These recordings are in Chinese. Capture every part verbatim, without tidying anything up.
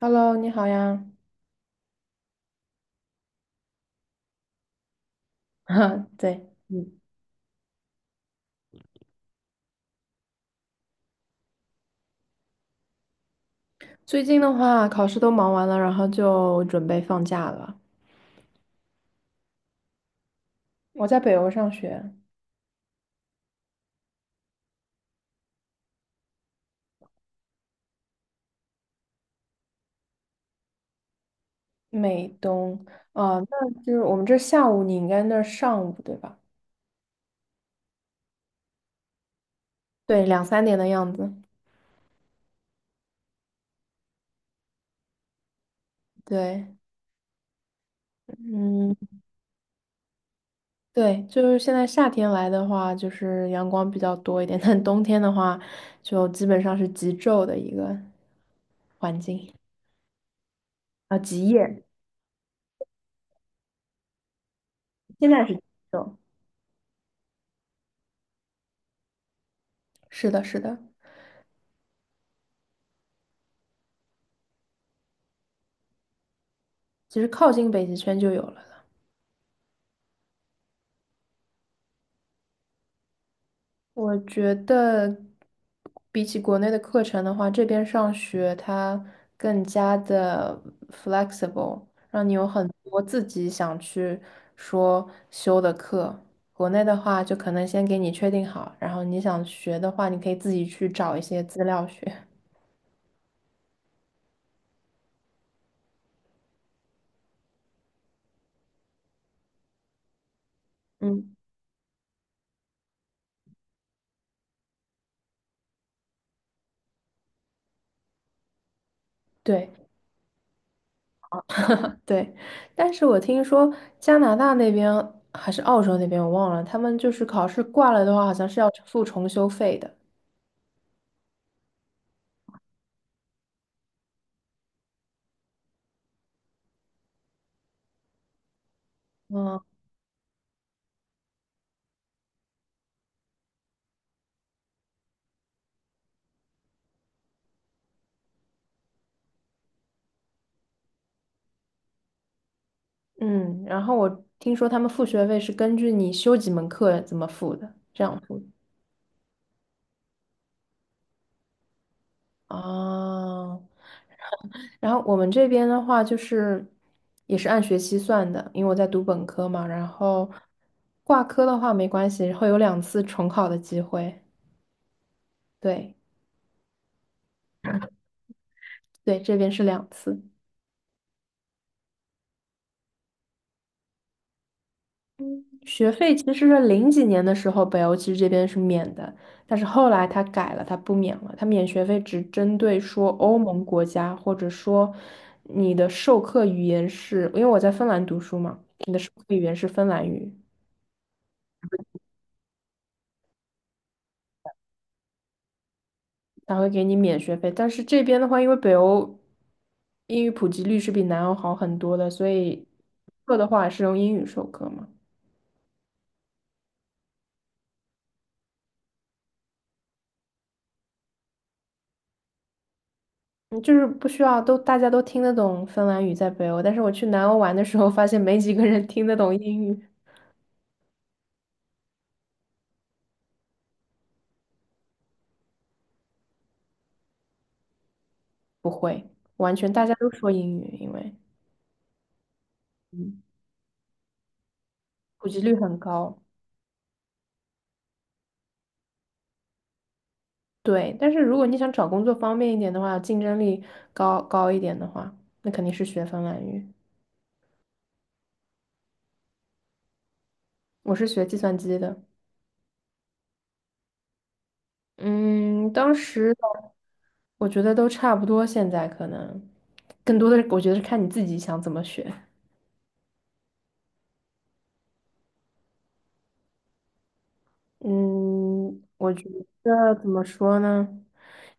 Hello，你好呀。哈，对，嗯，最近的话，考试都忙完了，然后就准备放假了。我在北欧上学，美东，啊，那就是我们这下午，你应该那儿上午对吧？对，两三点的样子。对，嗯，对，就是现在夏天来的话，就是阳光比较多一点，但冬天的话，就基本上是极昼的一个环境啊，极夜，现在是极昼。是的，是的，其实靠近北极圈就有了。我觉得比起国内的课程的话，这边上学它更加的 flexible，让你有很多自己想去说修的课。国内的话，就可能先给你确定好，然后你想学的话，你可以自己去找一些资料学。嗯，对对。但是我听说加拿大那边还是澳洲那边，我忘了，他们就是考试挂了的话，好像是要付重修费的。嗯。嗯，然后我听说他们付学费是根据你修几门课怎么付的，这样付的。哦，然后我们这边的话就是也是按学期算的，因为我在读本科嘛，然后挂科的话没关系，会有两次重考的机会。对对，这边是两次。学费其实是零几年的时候，北欧其实这边是免的，但是后来它改了，它不免了。它免学费只针对说欧盟国家，或者说你的授课语言是，因为我在芬兰读书嘛，语言是芬兰语，它会给你免学费。但是这边的话，因为北欧英语普及率是比南欧好很多的，所以课的话是用英语授课嘛。嗯就是不需要都大家都听得懂芬兰语在北欧，但是我去南欧玩的时候，发现没几个人听得懂英语。不会，完全大家都说英语，因为嗯，普及率很高。对，但是如果你想找工作方便一点的话，竞争力高高一点的话，那肯定是学芬兰语。我是学计算机的，嗯，当时我觉得都差不多，现在可能更多的是我觉得是看你自己想怎么学。嗯，我觉得怎么说呢？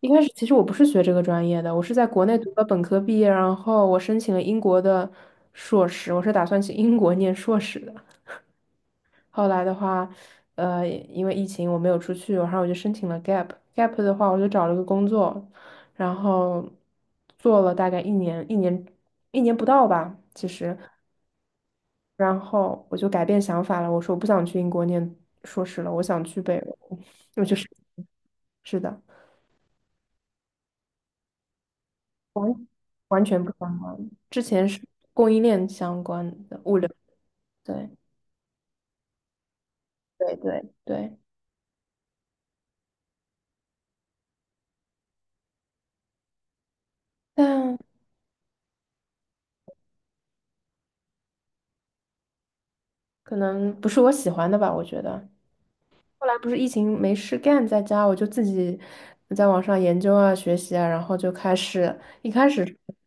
一开始其实我不是学这个专业的，我是在国内读了本科毕业，然后我申请了英国的硕士，我是打算去英国念硕士的。后来的话，呃，因为疫情我没有出去，然后我就申请了 gap，gap 的话我就找了个工作，然后做了大概一年，一年一年不到吧，其实。然后我就改变想法了，我说我不想去英国念硕士了，我想去北欧。我就是是的，完完全不相关。之前是供应链相关的物流，对对对对，但可能不是我喜欢的吧，我觉得。后来不是疫情没事干，在家我就自己在网上研究啊、学习啊，然后就开始一开始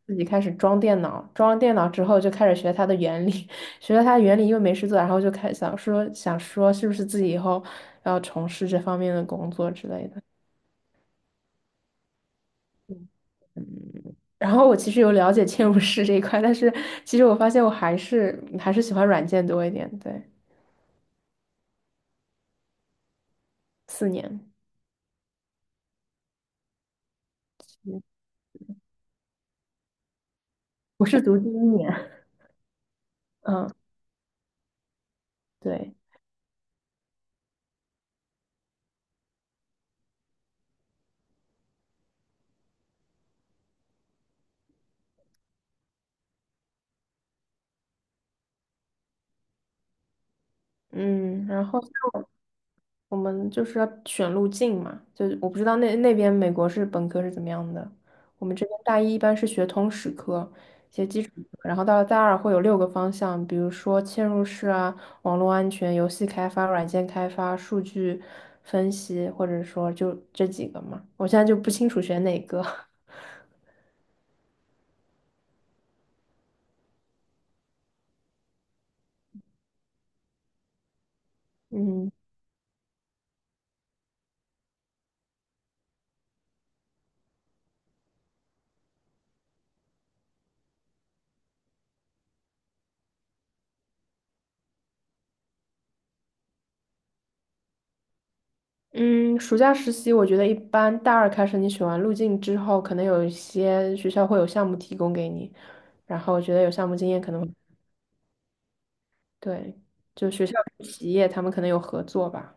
自己开始装电脑，装了电脑之后就开始学它的原理，学了它的原理，因为没事做，然后就开想说想说是不是自己以后要从事这方面的工作之类的。然后我其实有了解嵌入式这一块，但是其实我发现我还是还是喜欢软件多一点。对，四年，嗯我是读第一年，嗯，对，嗯，然后。我们就是要选路径嘛，就是我不知道那那边美国是本科是怎么样的，我们这边大一一般是学通识科，学基础课，然后到了大二会有六个方向，比如说嵌入式啊、网络安全、游戏开发、软件开发、数据分析，或者说就这几个嘛，我现在就不清楚选哪个。嗯嗯，暑假实习我觉得一般，大二开始你选完路径之后，可能有一些学校会有项目提供给你，然后我觉得有项目经验可能。对，就学校跟企业他们可能有合作吧。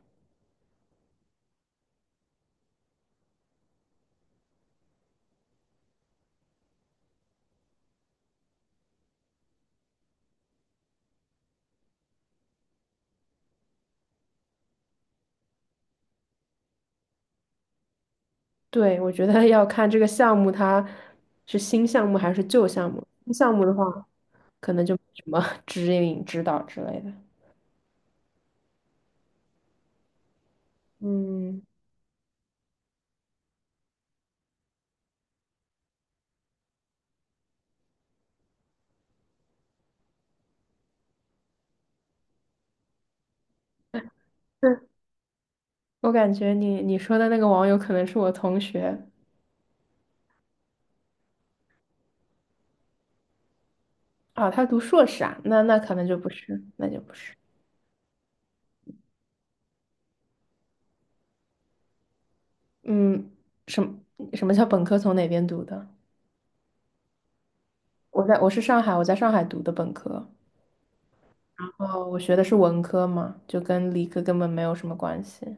对，我觉得要看这个项目它是新项目还是旧项目。新项目的话，可能就没什么 指引、指导之类的。嗯 是我感觉你你说的那个网友可能是我同学啊，他读硕士啊，那那可能就不是，那就不是。嗯，什么什么叫本科从哪边读的？我在我是上海，我在上海读的本科，然后我学的是文科嘛，就跟理科根本没有什么关系。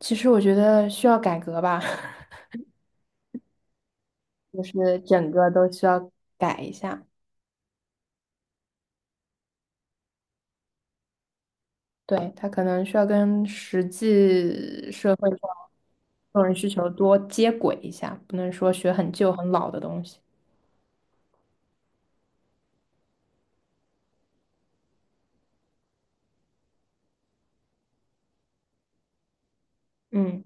其实我觉得需要改革吧，就是整个都需要改一下。对，他可能需要跟实际社会上个人需求多接轨一下，不能说学很旧很老的东西。嗯，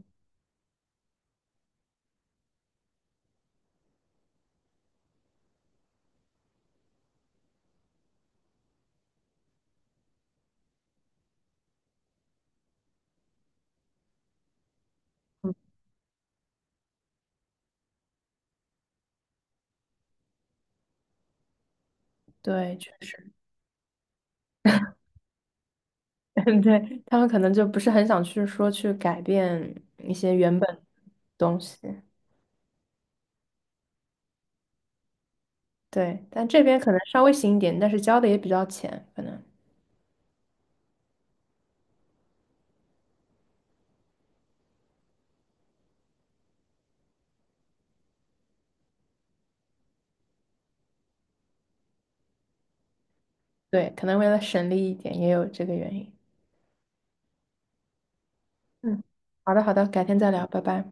对，确实，对，他们可能就不是很想去说去改变一些原本东西。对，但这边可能稍微新一点，但是交的也比较浅，可能对，可能为了省力一点，也有这个原因。嗯，好的，好的，改天再聊，拜拜。